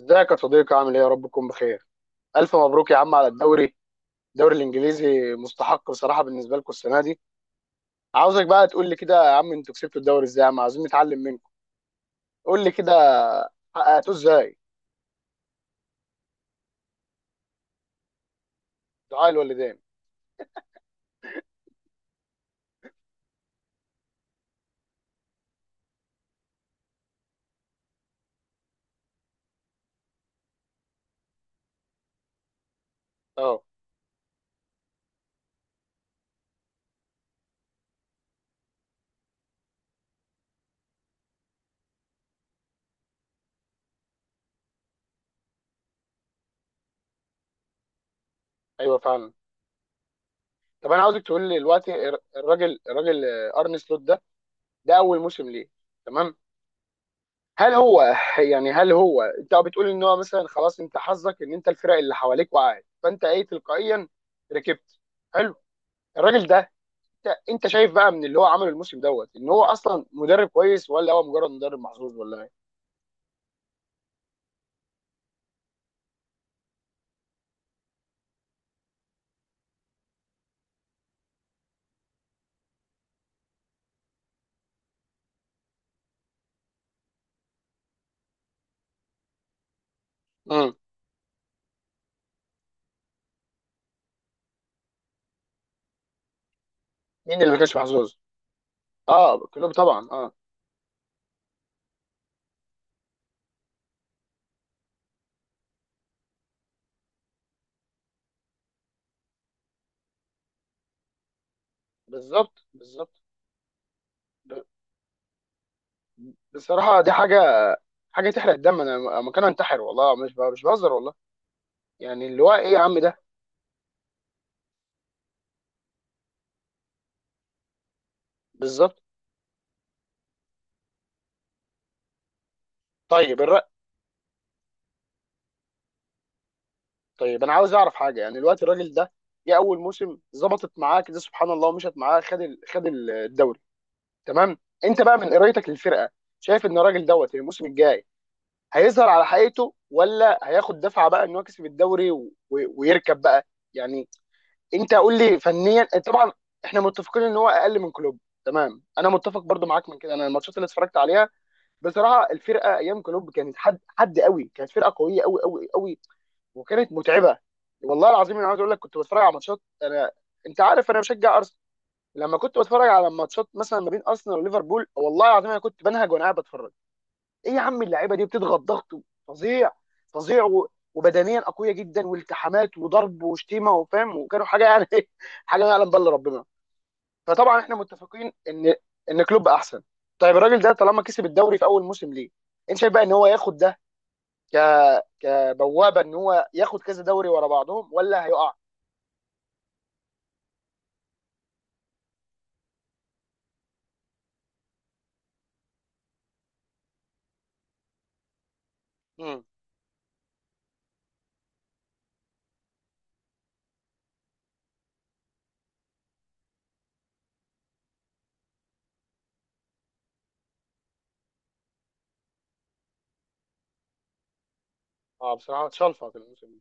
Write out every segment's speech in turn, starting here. ازيك يا صديقي؟ عامل ايه؟ يا رب تكون بخير. الف مبروك يا عم على الدوري. الدوري الانجليزي مستحق بصراحه بالنسبه لكم السنه دي. عاوزك بقى تقول لي كده يا عم، انتوا كسبتوا الدوري ازاي يا عم؟ عاوزين نتعلم منكم. قول لي كده، حققتوه ازاي؟ دعاء الوالدين. اه، ايوه فعلا. طب انا عاوزك تقول لي دلوقتي الراجل ارني سلوت ده، ده اول موسم ليه. تمام. هل هو يعني هل هو؟ انت بتقول ان هو مثلا خلاص، انت حظك ان انت الفرق اللي حواليك وقعت فانت ايه؟ تلقائيا ركبت. حلو. الراجل ده، انت شايف بقى من اللي هو عمله الموسم دوت ان هو اصلا مدرب كويس، ولا هو مجرد مدرب محظوظ ولا ايه؟ امم. مين اللي ما كانش محظوظ؟ اه، كلوب طبعا اه. بالظبط بالظبط. ب- بصراحه دي حاجه، حاجه تحرق الدم. انا مكان انتحر، والله مش مش بهزر والله. يعني اللي هو ايه يا عم ده؟ بالظبط. طيب الرق، طيب انا عاوز اعرف حاجه. يعني الوقت الراجل ده جه اول موسم، ظبطت معاه كده سبحان الله، ومشت معاه، خد الدوري. تمام. انت بقى من قرايتك للفرقه، شايف ان الراجل دوت الموسم الجاي هيظهر على حقيقته، ولا هياخد دفعه بقى ان هو كسب الدوري ويركب بقى؟ يعني انت قول لي فنيا طبعا. احنا متفقين ان هو اقل من كلوب. تمام، انا متفق برضو معاك من كده. انا الماتشات اللي اتفرجت عليها، بصراحه الفرقه ايام كلوب كانت حد قوي. كانت فرقه قويه قوي قوي قوي، وكانت متعبه. والله العظيم انا عاوز اقول لك، كنت بتفرج على ماتشات، انا انت عارف انا بشجع ارسنال، لما كنت بتفرج على ماتشات مثلا ما بين ارسنال وليفربول، والله العظيم انا كنت بنهج وانا قاعد بتفرج. ايه يا عم اللعيبه دي؟ بتضغط ضغط فظيع، فظيع وبدنيا اقوياء جدا، والتحامات وضرب وشتيمه وفاهم، وكانوا حاجه يعني حاجه يعلم بالله ربنا. فطبعا احنا متفقين ان كلوب احسن. طيب الراجل ده طالما كسب الدوري في اول موسم ليه، انت شايف بقى ان هو ياخد ده ك كبوابه ان هو ياخد كذا دوري ورا بعضهم، ولا هيقع؟ امم. اه بصراحه اتشلفط الموسم ده.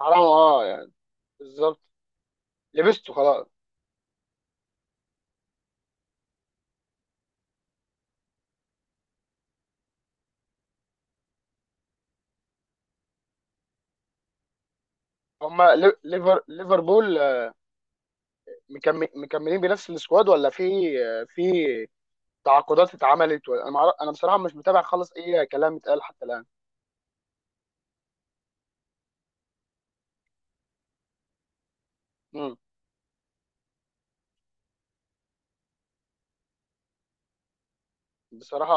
حرام اه يعني. بالظبط. لبسته خلاص. هما ليفر ليفربول مكملين بنفس السكواد، ولا في في تعاقدات اتعملت؟ ولا انا انا بصراحه مش متابع خالص اي كلام اتقال حتى الان. امم. بصراحه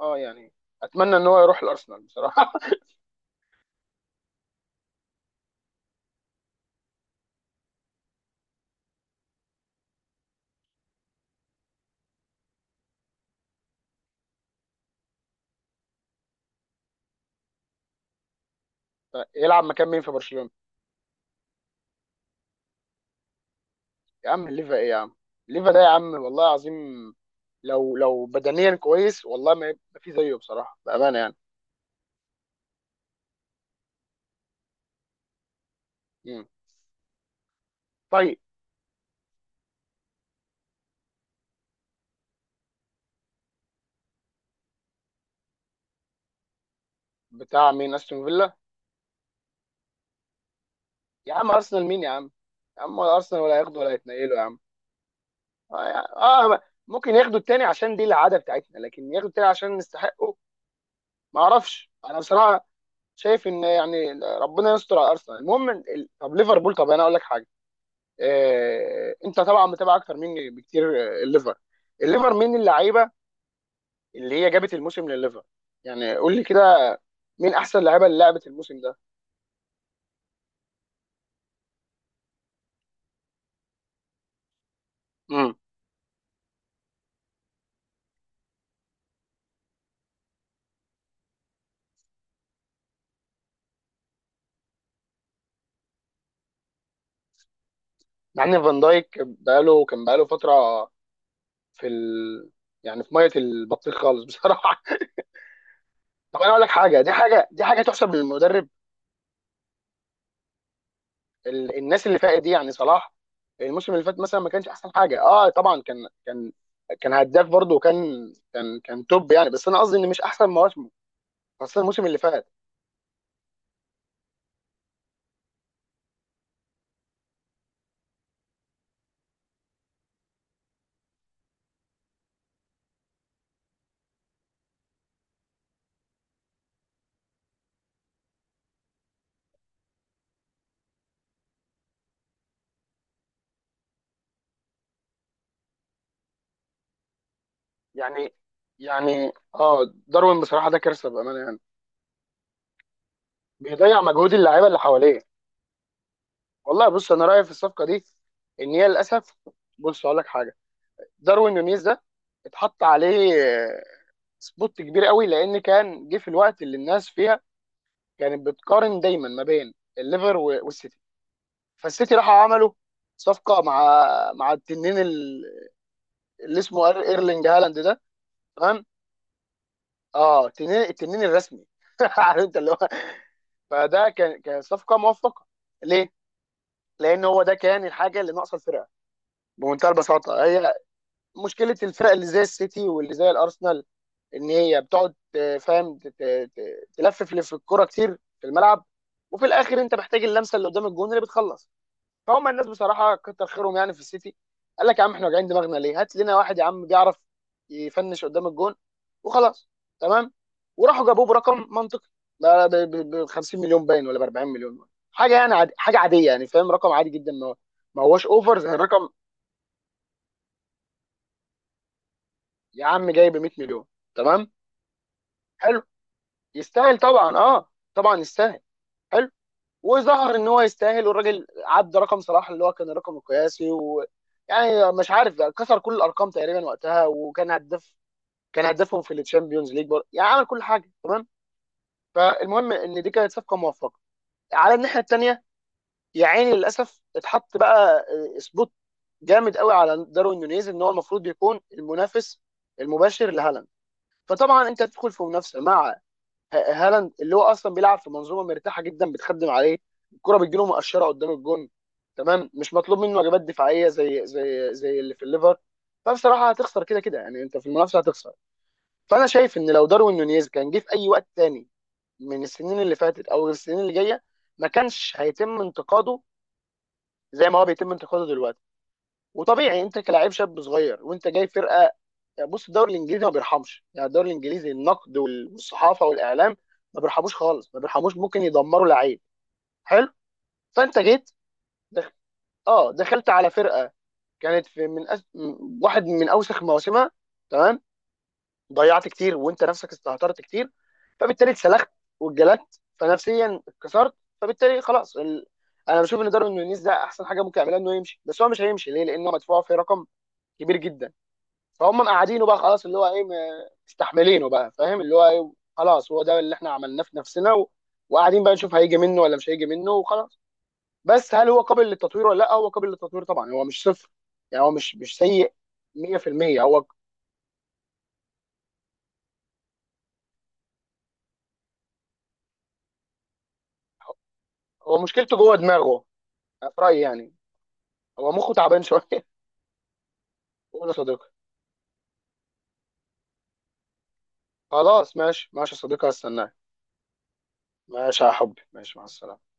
اه يعني اتمنى ان هو يروح الارسنال بصراحه. يلعب مكان مين في برشلونه؟ يا عم ليفا ايه يا عم؟ ليفا ده يا عم والله العظيم، لو بدنيا كويس، والله ما ما في زيه بصراحه بامانه يعني. امم. طيب. بتاع مين؟ استون فيلا؟ يا عم ارسنال مين يا عم؟ يا عم ولا ارسنال ولا هياخده ولا هيتنقله يا عم. اه. آه، ممكن ياخدوا التاني عشان دي العاده بتاعتنا، لكن ياخدوا التاني عشان نستحقه. ما اعرفش انا بصراحه. شايف ان يعني ربنا يستر على ارسنال. المهم طب ليفربول، طب انا اقول لك حاجه. آه انت طبعا متابع اكتر مني بكتير. الليفر، الليفر مين اللعيبه اللي هي جابت الموسم لليفر؟ يعني قول لي كده، مين احسن لعيبه اللي لعبت الموسم ده؟ امم. مع ان فان دايك كان بقاله فتره في ال... يعني في ميه البطيخ خالص بصراحه. طب انا اقول لك حاجه، دي حاجه تحسب للمدرب. الناس اللي فاتت دي، يعني صلاح الموسم اللي فات مثلا ما كانش احسن حاجه. اه طبعا كان كان هداف برضه، وكان كان كان توب يعني، بس انا قصدي ان مش احسن مواسمه، خاصه الموسم اللي فات. يعني يعني اه، داروين بصراحه ده كارثه بامانه يعني، بيضيع مجهود اللعيبه اللي حواليه. والله بص، انا رايي في الصفقه دي ان هي للاسف، بص اقول لك حاجه. داروين نونيز ده اتحط عليه سبوت كبير قوي، لان كان جه في الوقت اللي الناس فيها كانت بتقارن دايما ما بين الليفر والسيتي. فالسيتي راحوا عملوا صفقه مع مع التنين اللي اسمه ايرلينج هالاند ده. تمام. اه التنين، الرسمي. عارف انت اللي هو. فده كان صفقه موفقه. ليه؟ لان هو ده كان الحاجه اللي ناقصه الفرقه بمنتهى البساطه. هي مشكله الفرق اللي زي السيتي واللي زي الارسنال ان هي بتقعد فاهم، تلفف لف الكوره كتير في الملعب، وفي الاخر انت محتاج اللمسه اللي قدام الجون اللي بتخلص. فهم الناس بصراحه كتر خيرهم يعني في السيتي، قال لك يا عم احنا واجعين دماغنا ليه، هات لنا واحد يا عم بيعرف يفنش قدام الجون وخلاص. تمام. وراحوا جابوه برقم منطقي، ب 50 مليون باين ولا ب 40 مليون حاجه يعني. عادي، حاجه عاديه يعني، فاهم؟ رقم عادي جدا، ما ما هوش اوفر زي الرقم. يا عم جاي ب 100 مليون. تمام. حلو. يستاهل طبعا، اه طبعا يستاهل. حلو. وظهر ان هو يستاهل، والراجل عدى رقم صلاح اللي هو كان الرقم القياسي يعني مش عارف، كسر كل الارقام تقريبا وقتها، وكان هداف، كان هدافهم في الشامبيونز ليج يعني عمل كل حاجه. تمام. فالمهم ان دي كانت صفقه موفقه. على الناحيه الثانيه، يا عيني للاسف اتحط بقى سبوت جامد قوي على داروين نونيز، ان هو المفروض يكون المنافس المباشر لهالاند. فطبعا انت تدخل في منافسه مع هالاند، اللي هو اصلا بيلعب في منظومه مرتاحه جدا بتخدم عليه، الكره بتجيله مقشره قدام الجون. تمام. مش مطلوب منه واجبات دفاعيه زي زي اللي في الليفر. فبصراحه هتخسر كده كده يعني، انت في المنافسه هتخسر. فانا شايف ان لو داروين نونيز كان جه في اي وقت تاني، من السنين اللي فاتت او السنين اللي جايه، ما كانش هيتم انتقاده زي ما هو بيتم انتقاده دلوقتي. وطبيعي انت كلاعب شاب صغير، وانت جاي فرقه. يعني بص، الدوري الانجليزي ما بيرحمش يعني. الدوري الانجليزي النقد والصحافه والاعلام ما بيرحموش خالص، ما بيرحموش. ممكن يدمروا لعيب. حلو. فانت جيت، دخ... اه دخلت على فرقه كانت في من واحد من اوسخ مواسمها. تمام. ضيعت كتير، وانت نفسك استهترت كتير، فبالتالي اتسلخت واتجلدت، فنفسيا اتكسرت. فبالتالي خلاص انا بشوف ان داروين نونيز ده احسن حاجه ممكن يعملها انه يمشي. بس هو مش هيمشي ليه؟ لانه مدفوع في رقم كبير جدا. فهم مقعدينه بقى خلاص، اللي هو ايه، مستحملينه بقى، فاهم اللي هو ايه؟ خلاص هو ده اللي احنا عملناه في نفسنا، وقاعدين بقى نشوف هيجي منه ولا مش هيجي منه وخلاص. بس هل هو قابل للتطوير ولا لا؟ هو قابل للتطوير طبعا، هو مش صفر يعني. هو مش سيء 100%. هو مشكلته جوه دماغه، في رأيي يعني. هو مخه تعبان شويه قول يا صديقي. خلاص ماشي، ماشي يا صديقي هستناك. ماشي يا حبي، ماشي مع السلامه.